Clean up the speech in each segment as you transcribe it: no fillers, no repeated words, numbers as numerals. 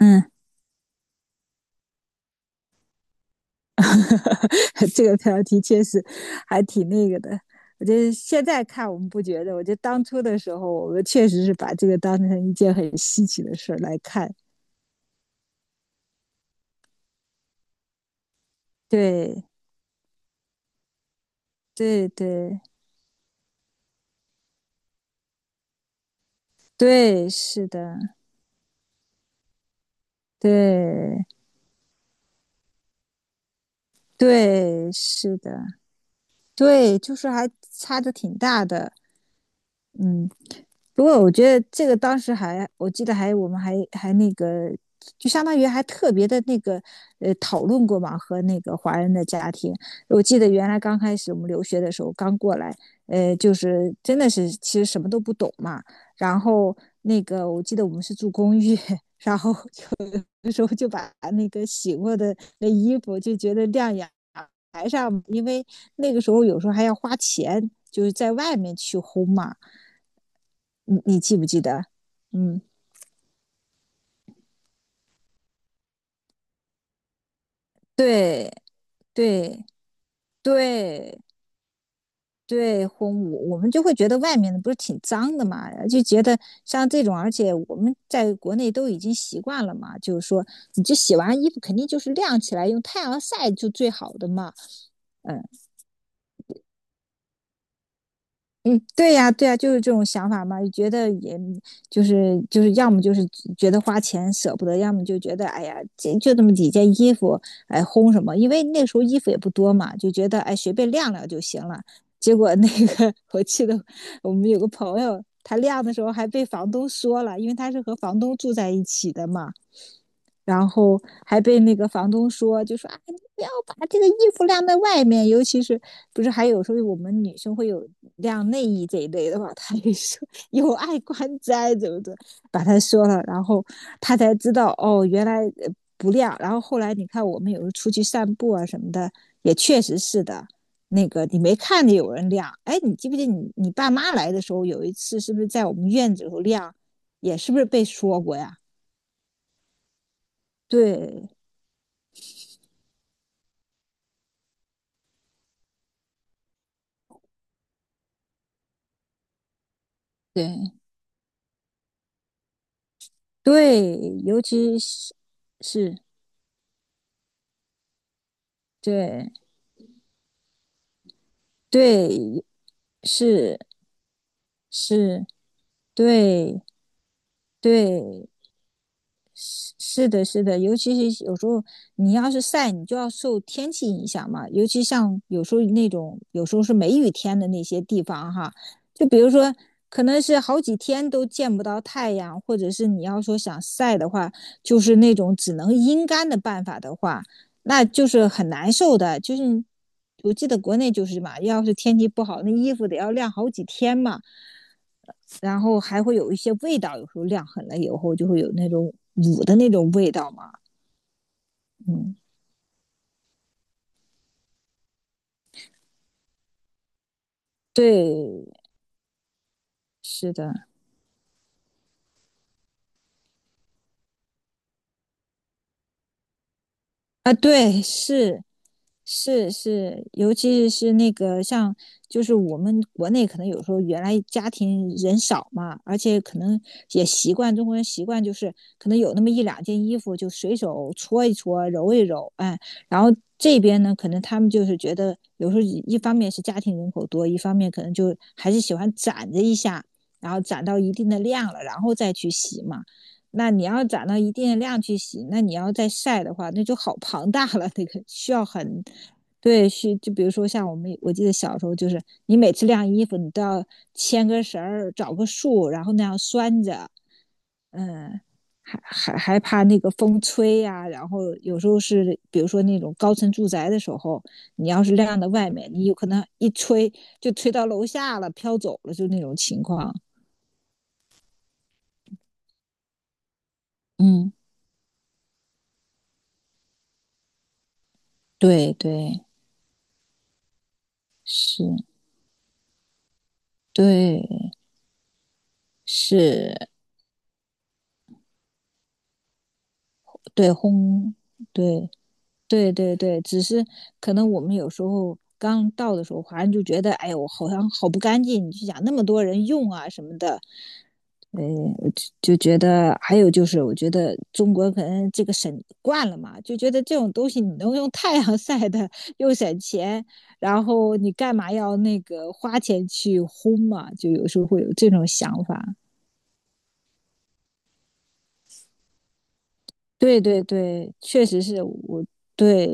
嗯，这个标题确实还挺那个的。我觉得现在看我们不觉得，我觉得当初的时候，我们确实是把这个当成一件很稀奇的事来看。对，对，对，对，是的，对，对，是的，对，就是还差的挺大的。嗯，不过我觉得这个当时还，我记得还我们还那个，就相当于还特别的那个讨论过嘛，和那个华人的家庭。我记得原来刚开始我们留学的时候，刚过来，就是真的是其实什么都不懂嘛。然后那个我记得我们是住公寓，然后有的时候就把那个洗过的那衣服就觉得晾阳台上，因为那个时候有时候还要花钱，就是在外面去烘嘛。你记不记得？嗯，对对对对，烘舞，我们就会觉得外面的不是挺脏的嘛，就觉得像这种，而且我们在国内都已经习惯了嘛，就是说，你这洗完衣服肯定就是晾起来，用太阳晒就最好的嘛，嗯。嗯，对呀，对呀，就是这种想法嘛，觉得也就是，要么就是觉得花钱舍不得，要么就觉得哎呀，这就那么几件衣服，哎，烘什么？因为那时候衣服也不多嘛，就觉得哎，随便晾晾就行了。结果那个 我记得我们有个朋友，他晾的时候还被房东说了，因为他是和房东住在一起的嘛，然后还被那个房东说，就说啊，你不要把这个衣服晾在外面，尤其是不是还有时候我们女生会有晾内衣这一类的吧？他也说有碍观瞻，怎么怎么把他说了，然后他才知道哦，原来不晾。然后后来你看，我们有时候出去散步啊什么的，也确实是的。那个你没看见有人晾，哎，你记不记你爸妈来的时候有一次是不是在我们院子里头晾，也是不是被说过呀？对对。对，尤其是是，对对是是，对对是是的，是的，尤其是有时候你要是晒，你就要受天气影响嘛，尤其像有时候那种有时候是梅雨天的那些地方哈，就比如说可能是好几天都见不到太阳，或者是你要说想晒的话，就是那种只能阴干的办法的话。那就是很难受的。就是我记得国内就是嘛，要是天气不好，那衣服得要晾好几天嘛，然后还会有一些味道，有时候晾狠了以后就会有那种捂的那种味道嘛。嗯，对，是的，啊，对，是是是，尤其是那个像，就是我们国内可能有时候原来家庭人少嘛，而且可能也习惯中国人习惯就是可能有那么一两件衣服就随手搓一搓、揉一揉，哎，然后这边呢，可能他们就是觉得有时候一方面是家庭人口多，一方面可能就还是喜欢攒着一下，然后攒到一定的量了，然后再去洗嘛。那你要攒到一定的量去洗，那你要再晒的话，那就好庞大了，那个需要很，对，需就比如说像我们，我记得小时候就是，你每次晾衣服，你都要牵个绳儿，找个树，然后那样拴着，嗯，还怕那个风吹呀、啊然后有时候是，比如说那种高层住宅的时候，你要是晾到外面，你有可能一吹就吹到楼下了，飘走了，就那种情况。嗯，对对，是，对。是，对，烘，对，对对对，只是可能我们有时候刚到的时候，华人就觉得，哎呦，我好像好不干净，你就想那么多人用啊什么的，呃，就觉得，还有就是，我觉得中国可能这个省惯了嘛，就觉得这种东西你能用太阳晒的，又省钱，然后你干嘛要那个花钱去烘嘛？就有时候会有这种想法。对对对，确实是我。对，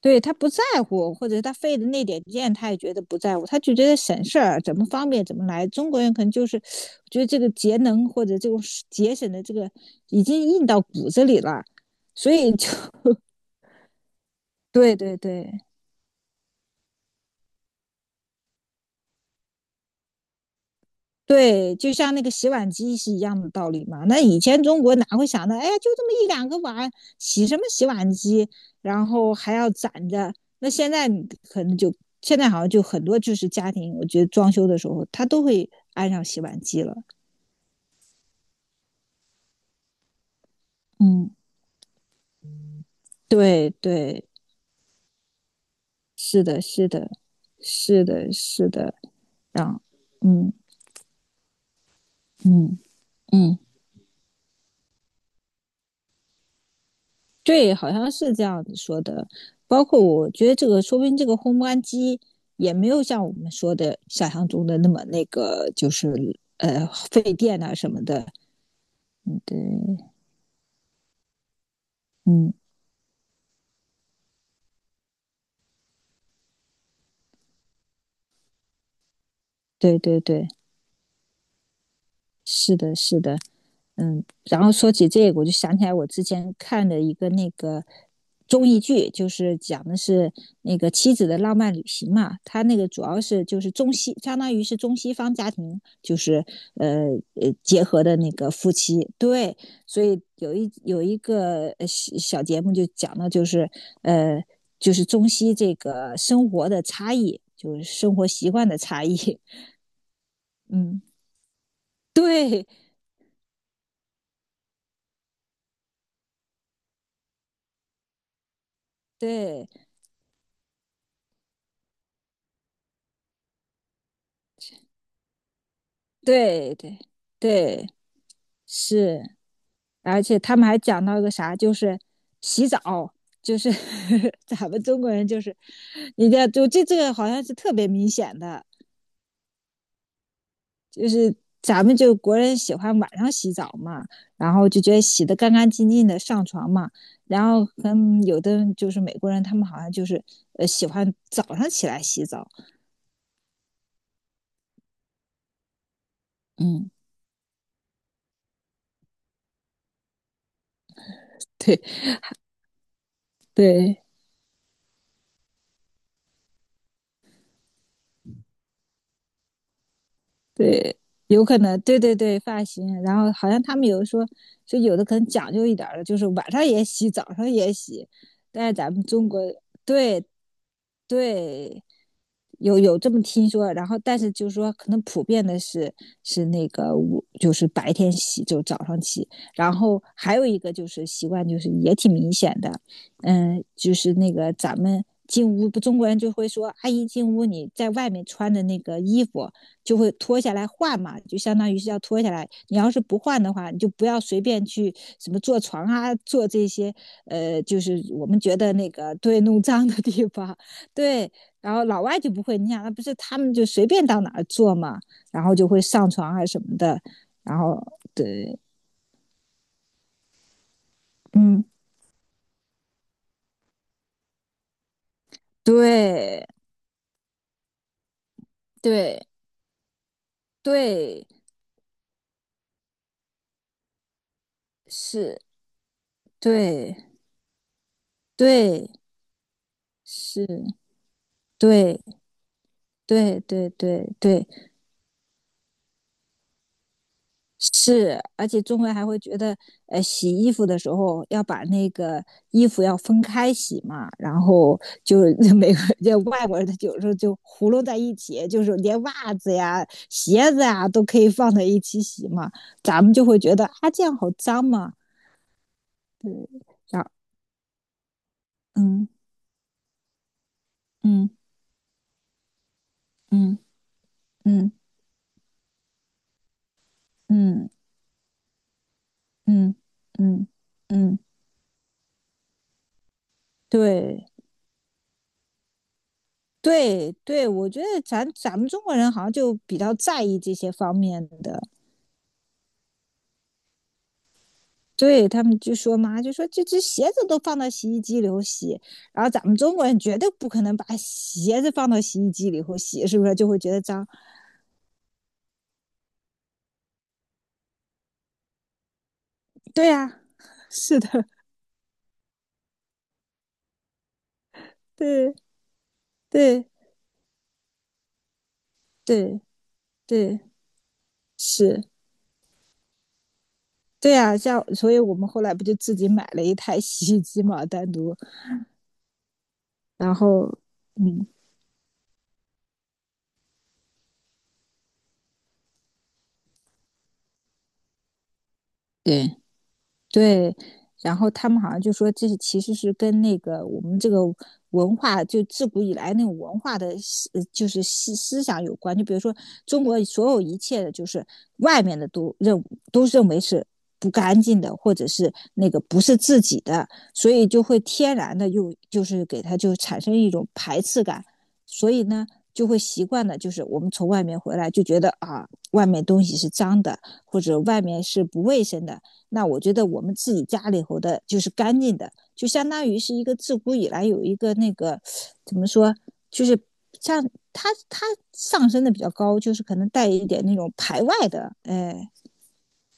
对他不在乎，或者他费的那点劲，他也觉得不在乎，他就觉得省事儿，怎么方便怎么来。中国人可能就是觉得这个节能或者这种节省的这个已经印到骨子里了，所以就 对对对对，就像那个洗碗机是一样的道理嘛。那以前中国哪会想到，哎呀，就这么一两个碗，洗什么洗碗机，然后还要攒着。那现在你可能就现在好像就很多就是家庭，我觉得装修的时候他都会。安上洗碗机了，嗯，对对，是的，是的，是的，是的，让，嗯嗯嗯，对，好像是这样子说的。包括我觉得这个，说不定这个烘干机也没有像我们说的想象中的那么那个，就是费电啊什么的。嗯，对，嗯，对对对，是的，是的。嗯，然后说起这个，我就想起来我之前看的一个那个综艺剧，就是讲的是那个妻子的浪漫旅行嘛。它那个主要是就是中西，相当于是中西方家庭，就是呃结合的那个夫妻。对，所以有一个小节目就讲的呃就是中西这个生活的差异，就是生活习惯的差异。嗯，对对对对对。是，而且他们还讲到一个啥，就是洗澡，就是 咱们中国人就是，你的就这个好像是特别明显的，就是咱们就国人喜欢晚上洗澡嘛，然后就觉得洗的干干净净的上床嘛，然后跟有的人就是美国人，他们好像就是喜欢早上起来洗澡，嗯，对对，对，有可能，对对对，发型。然后好像他们有的说，就有的可能讲究一点儿的，就是晚上也洗，早上也洗。但是咱们中国，对对，有这么听说，然后但是就是说，可能普遍的是那个就是白天洗，就早上起。然后还有一个就是习惯，就是也挺明显的，嗯，就是那个咱们进屋，不中国人就会说，阿姨进屋你在外面穿的那个衣服就会脱下来换嘛，就相当于是要脱下来。你要是不换的话，你就不要随便去什么坐床啊，坐这些就是我们觉得那个对弄脏的地方，对。然后老外就不会，你想，那不是他们就随便到哪儿坐嘛，然后就会上床啊什么的，然后对，嗯，对对对，是，对对是，对对对对对，是，而且中人还会觉得，洗衣服的时候要把那个衣服要分开洗嘛，然后就美国 就外国人他有时候就糊弄在一起，就是连袜子呀、鞋子呀都可以放在一起洗嘛，咱们就会觉得啊这样好脏嘛，然后嗯嗯嗯嗯嗯嗯嗯嗯，对对对，我觉得咱们中国人好像就比较在意这些方面的。对他们就说嘛，就说这只鞋子都放到洗衣机里头洗，然后咱们中国人绝对不可能把鞋子放到洗衣机里头洗，是不是就会觉得脏？对呀、是的，对对对对，是，对呀、像所以我们后来不就自己买了一台洗衣机嘛，单独，然后嗯，对，对，然后他们好像就说这是其实是跟那个我们这个文化，就自古以来那种文化的就是想有关。就比如说中国所有一切的，就是外面的都认为是不干净的，或者是那个不是自己的，所以就会天然的又就是给他就产生一种排斥感，所以呢。就会习惯的，就是我们从外面回来就觉得啊，外面东西是脏的，或者外面是不卫生的，那我觉得我们自己家里头的就是干净的，就相当于是一个自古以来有一个那个怎么说，就是像它上升的比较高，就是可能带一点那种排外的，哎，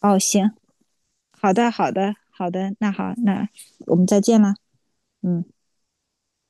哦，行，好的，好的，好的，那好，那我们再见啦，嗯。